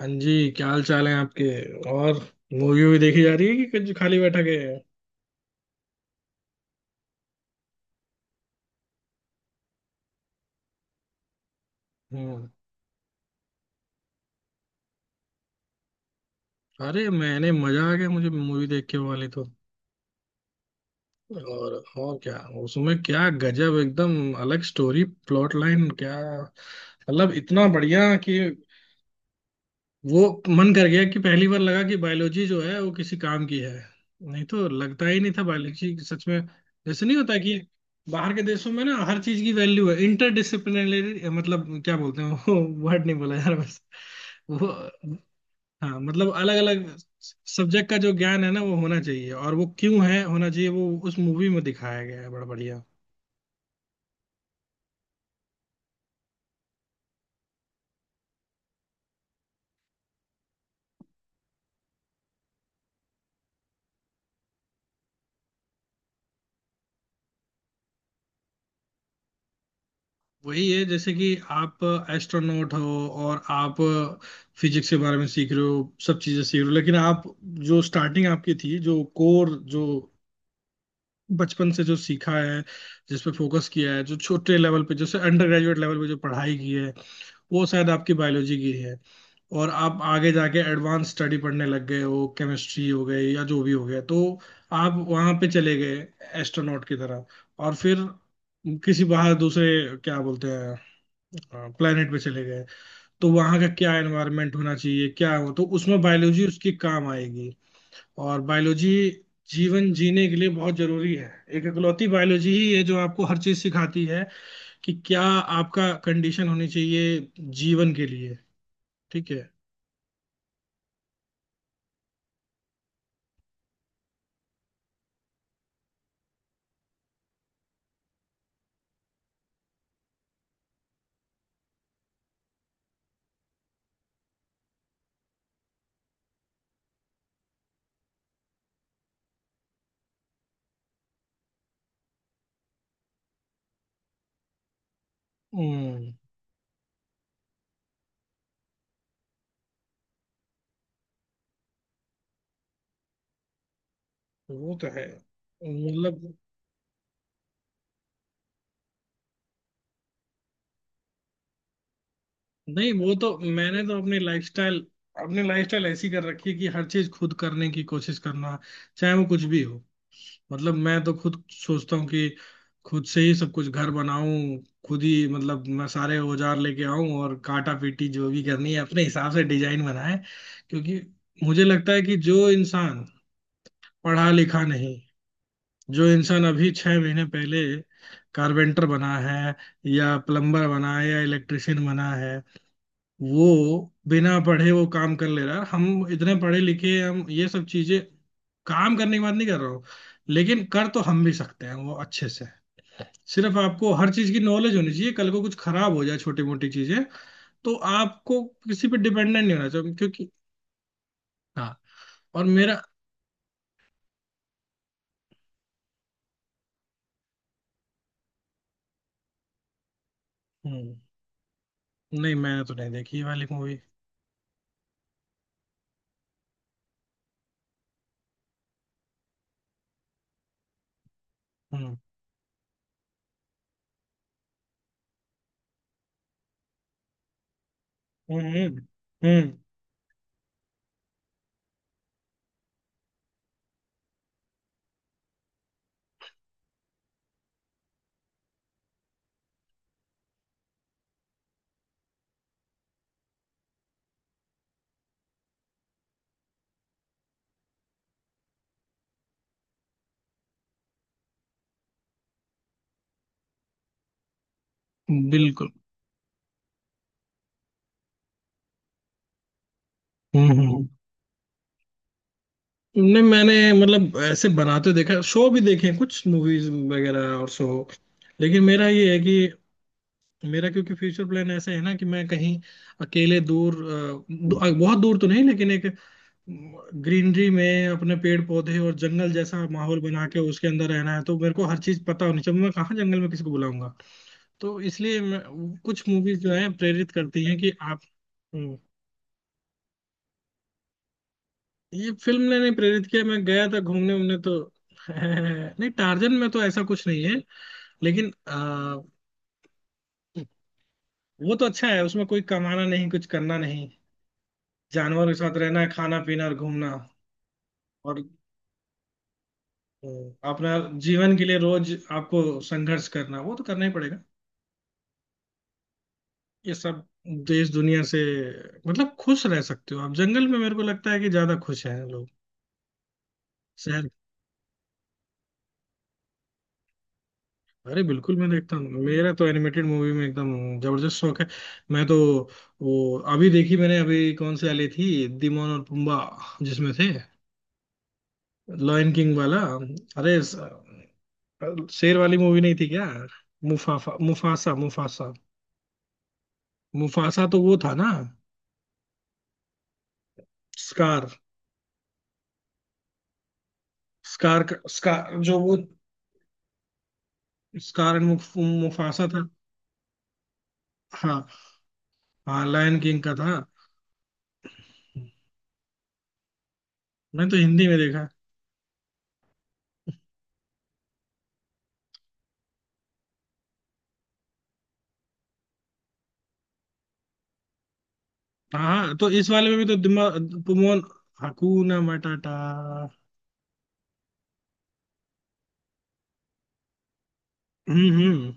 हाँ जी, क्या हाल चाल है आपके। और मूवी भी देखी जा रही है कि कुछ खाली बैठा के? हम्म। अरे, मैंने मजा आ गया मुझे मूवी देख के वाली तो। और और क्या उसमें, क्या गजब, एकदम अलग स्टोरी प्लॉट लाइन, क्या मतलब इतना बढ़िया कि वो मन कर गया कि पहली बार लगा कि बायोलॉजी जो है वो किसी काम की है। नहीं तो लगता ही नहीं था बायोलॉजी सच में, जैसे नहीं होता कि बाहर के देशों में ना हर चीज की वैल्यू है इंटरडिसिप्लिनरी, मतलब क्या बोलते हैं वो वर्ड नहीं बोला यार, बस वो। हाँ, मतलब अलग अलग सब्जेक्ट का जो ज्ञान है ना वो होना चाहिए, और वो क्यों है होना चाहिए वो उस मूवी में दिखाया गया है, बड़ा बढ़िया। वही है जैसे कि आप एस्ट्रोनॉट हो और आप फिजिक्स के बारे में सीख रहे हो, सब चीजें सीख रहे हो, लेकिन आप जो स्टार्टिंग आपकी थी, जो कोर, जो बचपन से जो सीखा है, जिस पे फोकस किया है, जो छोटे लेवल पे जैसे अंडर ग्रेजुएट लेवल पे जो पढ़ाई की है, वो शायद आपकी बायोलॉजी की है। और आप आगे जाके एडवांस स्टडी पढ़ने लग गए हो, केमिस्ट्री हो गई या जो भी हो गया, तो आप वहां पे चले गए एस्ट्रोनॉट की तरह, और फिर किसी बाहर दूसरे क्या बोलते हैं प्लेनेट पे चले गए, तो वहां का क्या एनवायरनमेंट होना चाहिए, क्या हो, तो उसमें बायोलॉजी उसके काम आएगी। और बायोलॉजी जीवन जीने के लिए बहुत जरूरी है। एक इकलौती बायोलॉजी ही है जो आपको हर चीज सिखाती है कि क्या आपका कंडीशन होनी चाहिए जीवन के लिए। ठीक है। हम्म। वो तो है मतलब। नहीं, वो तो मैंने तो अपनी लाइफस्टाइल ऐसी कर रखी है कि हर चीज खुद करने की कोशिश करना, चाहे वो कुछ भी हो। मतलब मैं तो खुद सोचता हूँ कि खुद से ही सब कुछ घर बनाऊं, खुद ही, मतलब मैं सारे औजार लेके आऊं और काटा पीटी जो भी करनी है अपने हिसाब से डिजाइन बनाए। क्योंकि मुझे लगता है कि जो इंसान पढ़ा लिखा नहीं, जो इंसान अभी 6 महीने पहले कारपेंटर बना है या प्लम्बर बना है या इलेक्ट्रिशियन बना है, वो बिना पढ़े वो काम कर ले रहा है, हम इतने पढ़े लिखे हैं, हम ये सब चीजें, काम करने की बात नहीं कर रहा हूँ, लेकिन कर तो हम भी सकते हैं वो अच्छे से। सिर्फ आपको हर चीज की नॉलेज होनी चाहिए, कल को कुछ खराब हो जाए छोटी मोटी चीजें तो आपको किसी पे डिपेंडेंट नहीं होना चाहिए, क्योंकि हाँ। और मेरा। हम्म। नहीं मैंने तो नहीं देखी ये वाली मूवी। हम्म। हम्म। हम्म। हम्म। बिल्कुल। हम्म। हम्म। नहीं मैंने, मतलब ऐसे बनाते देखा, शो भी देखे हैं कुछ मूवीज वगैरह और शो, लेकिन मेरा ये है कि मेरा क्योंकि फ्यूचर प्लान ऐसा है ना कि मैं कहीं अकेले दूर बहुत दूर तो नहीं लेकिन एक ग्रीनरी में अपने पेड़ पौधे और जंगल जैसा माहौल बना के उसके अंदर रहना है, तो मेरे को हर चीज पता होनी चाहिए। मैं कहाँ जंगल में किसी को बुलाऊंगा। तो इसलिए मैं, कुछ मूवीज जो है प्रेरित करती हैं कि आप। हम्म। ये फिल्म ने नहीं प्रेरित किया, मैं गया था घूमने उमने तो। नहीं टार्जन में तो ऐसा कुछ नहीं है, लेकिन वो तो अच्छा है, उसमें कोई कमाना नहीं, कुछ करना नहीं, जानवरों के साथ रहना है, खाना पीना और घूमना। और अ, अपना, जीवन के लिए रोज आपको संघर्ष करना वो तो करना ही पड़ेगा ये सब। देश दुनिया से, मतलब खुश रह सकते हो आप जंगल में, मेरे को लगता है कि ज्यादा खुश हैं लोग। अरे बिल्कुल मैं देखता हूँ, मेरा तो एनिमेटेड मूवी में एकदम जबरदस्त शौक है। मैं तो, वो अभी देखी मैंने, अभी कौन सी वाली थी, दिमोन और पुम्बा जिसमें थे, लॉयन किंग वाला। अरे स- शेर वाली मूवी नहीं थी क्या। मुफाफा मुफासा मुफासा मुफासा तो वो था ना, स्कार स्कार स्कार जो वो, स्कार एंड मुफासा था। हाँ हाँ, लायन किंग का था। मैं तो हिंदी में देखा। हाँ, तो इस वाले में भी तो दिमाग पुमोन। हकूना मटाटा। हम्म। हम्म।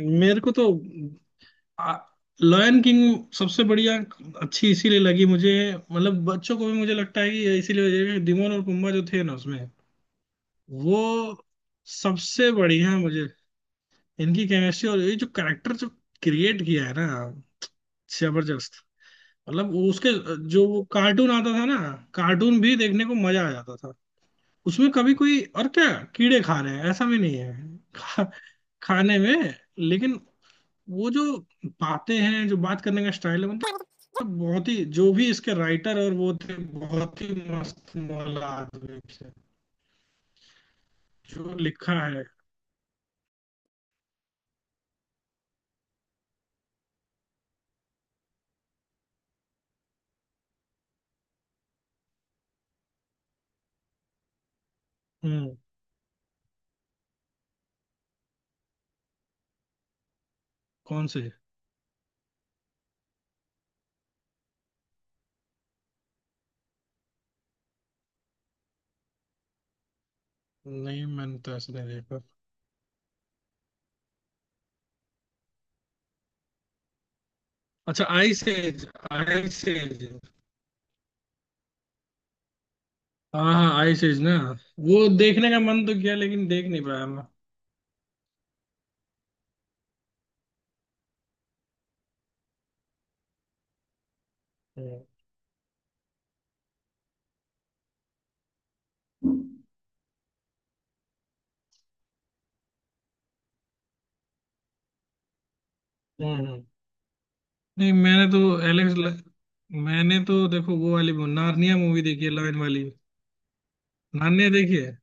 मेरे को तो आ, लॉयन किंग सबसे बढ़िया। अच्छी इसीलिए लगी मुझे, मतलब बच्चों को भी, मुझे लगता है कि ये इसीलिए वजह है कि डिमोन और पुम्बा जो थे ना उसमें, वो सबसे बढ़िया मुझे। इनकी केमिस्ट्री और ये जो कैरेक्टर जो क्रिएट किया है ना, जबरदस्त। मतलब वो उसके जो वो कार्टून आता था ना, कार्टून भी देखने को मजा आ जाता था। उसमें कभी कोई और क्या कीड़े खा रहे हैं ऐसा भी नहीं है खा, खाने में। लेकिन वो जो बातें हैं, जो बात करने का स्टाइल है, मतलब बहुत ही, जो भी इसके राइटर और वो थे बहुत ही मस्त मौला आदमी थे, जो लिखा है। हम्म। कौन से? नहीं मैंने तो ऐसे नहीं देखा। अच्छा, आई सेज। Ice Age. हाँ हाँ, आई सेज ना। वो देखने का मन तो किया लेकिन देख नहीं पाया मैं। हम्म। हम्म। हम्म। नहीं मैंने तो, एलेक्स ल- मैंने तो देखो वो वाली नार्निया मूवी देखी है, लाइन वाली। नार्निया देखी है।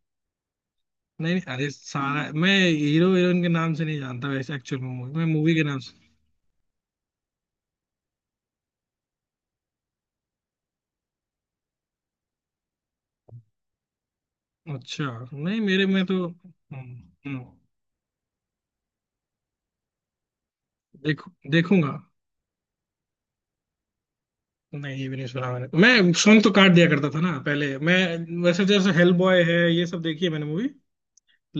नहीं नहीं, अरे सारा मैं हीरो हीरोइन के नाम से नहीं जानता वैसे, एक्चुअल में मूवी मैं मूवी के नाम से। अच्छा। नहीं मेरे में तो। हम्म। हम्म। देखू देखूंगा। नहीं ये भी नहीं सुना मैंने, मैं सॉन्ग तो काट दिया करता था ना पहले मैं। वैसे तो जैसे हेल बॉय है ये सब देखी है मैंने मूवी,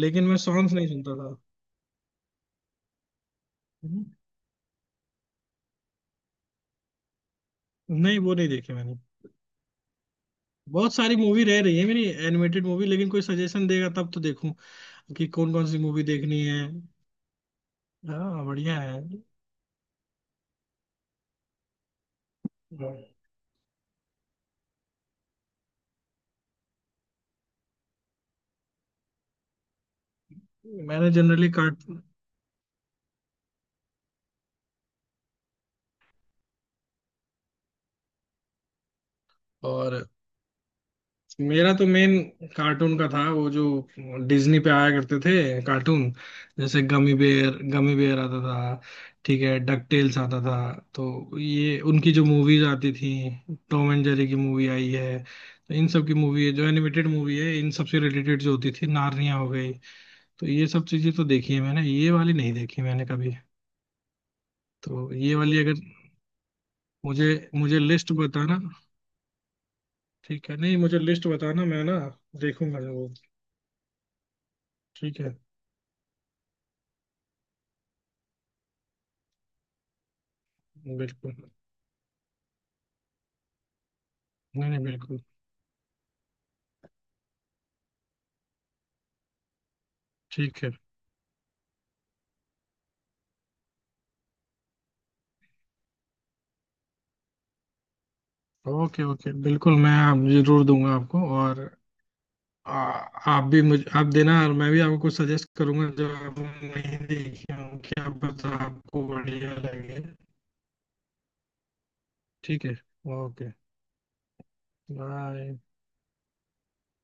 लेकिन मैं सॉन्ग्स नहीं सुनता था। हम्म। नहीं वो नहीं देखी मैंने। बहुत सारी मूवी रह रही है मेरी एनिमेटेड मूवी, लेकिन कोई सजेशन देगा तब तो देखूं कि कौन कौन सी मूवी देखनी है। हाँ बढ़िया है। मैंने जनरली कार्ट और मेरा तो मेन कार्टून का था, वो जो डिज्नी पे आया करते थे कार्टून, जैसे गमी बेयर आता था, ठीक है, डक टेल्स आता था। तो ये उनकी जो मूवीज आती थी, टॉम एंड जेरी की मूवी आई है, तो इन सब की मूवी है जो एनिमेटेड मूवी है, इन सब से रिलेटेड जो होती थी, नार्निया हो गई, तो ये सब चीजें तो देखी है मैंने, ये वाली नहीं देखी मैंने कभी। तो ये वाली अगर मुझे मुझे लिस्ट बताना। ठीक है, नहीं, मुझे लिस्ट बताना, मैं ना देखूंगा वो। ठीक है। बिल्कुल, नहीं नहीं, बिल्कुल। ठीक है। ओके ओके, बिल्कुल, मैं आप जरूर दूंगा आपको। और आ, आप भी मुझे, आप देना, और मैं भी आपको कुछ सजेस्ट करूंगा जो आप नहीं देखी हों, कि आप बता, आपको बढ़िया लगे। ठीक है। Okay bye.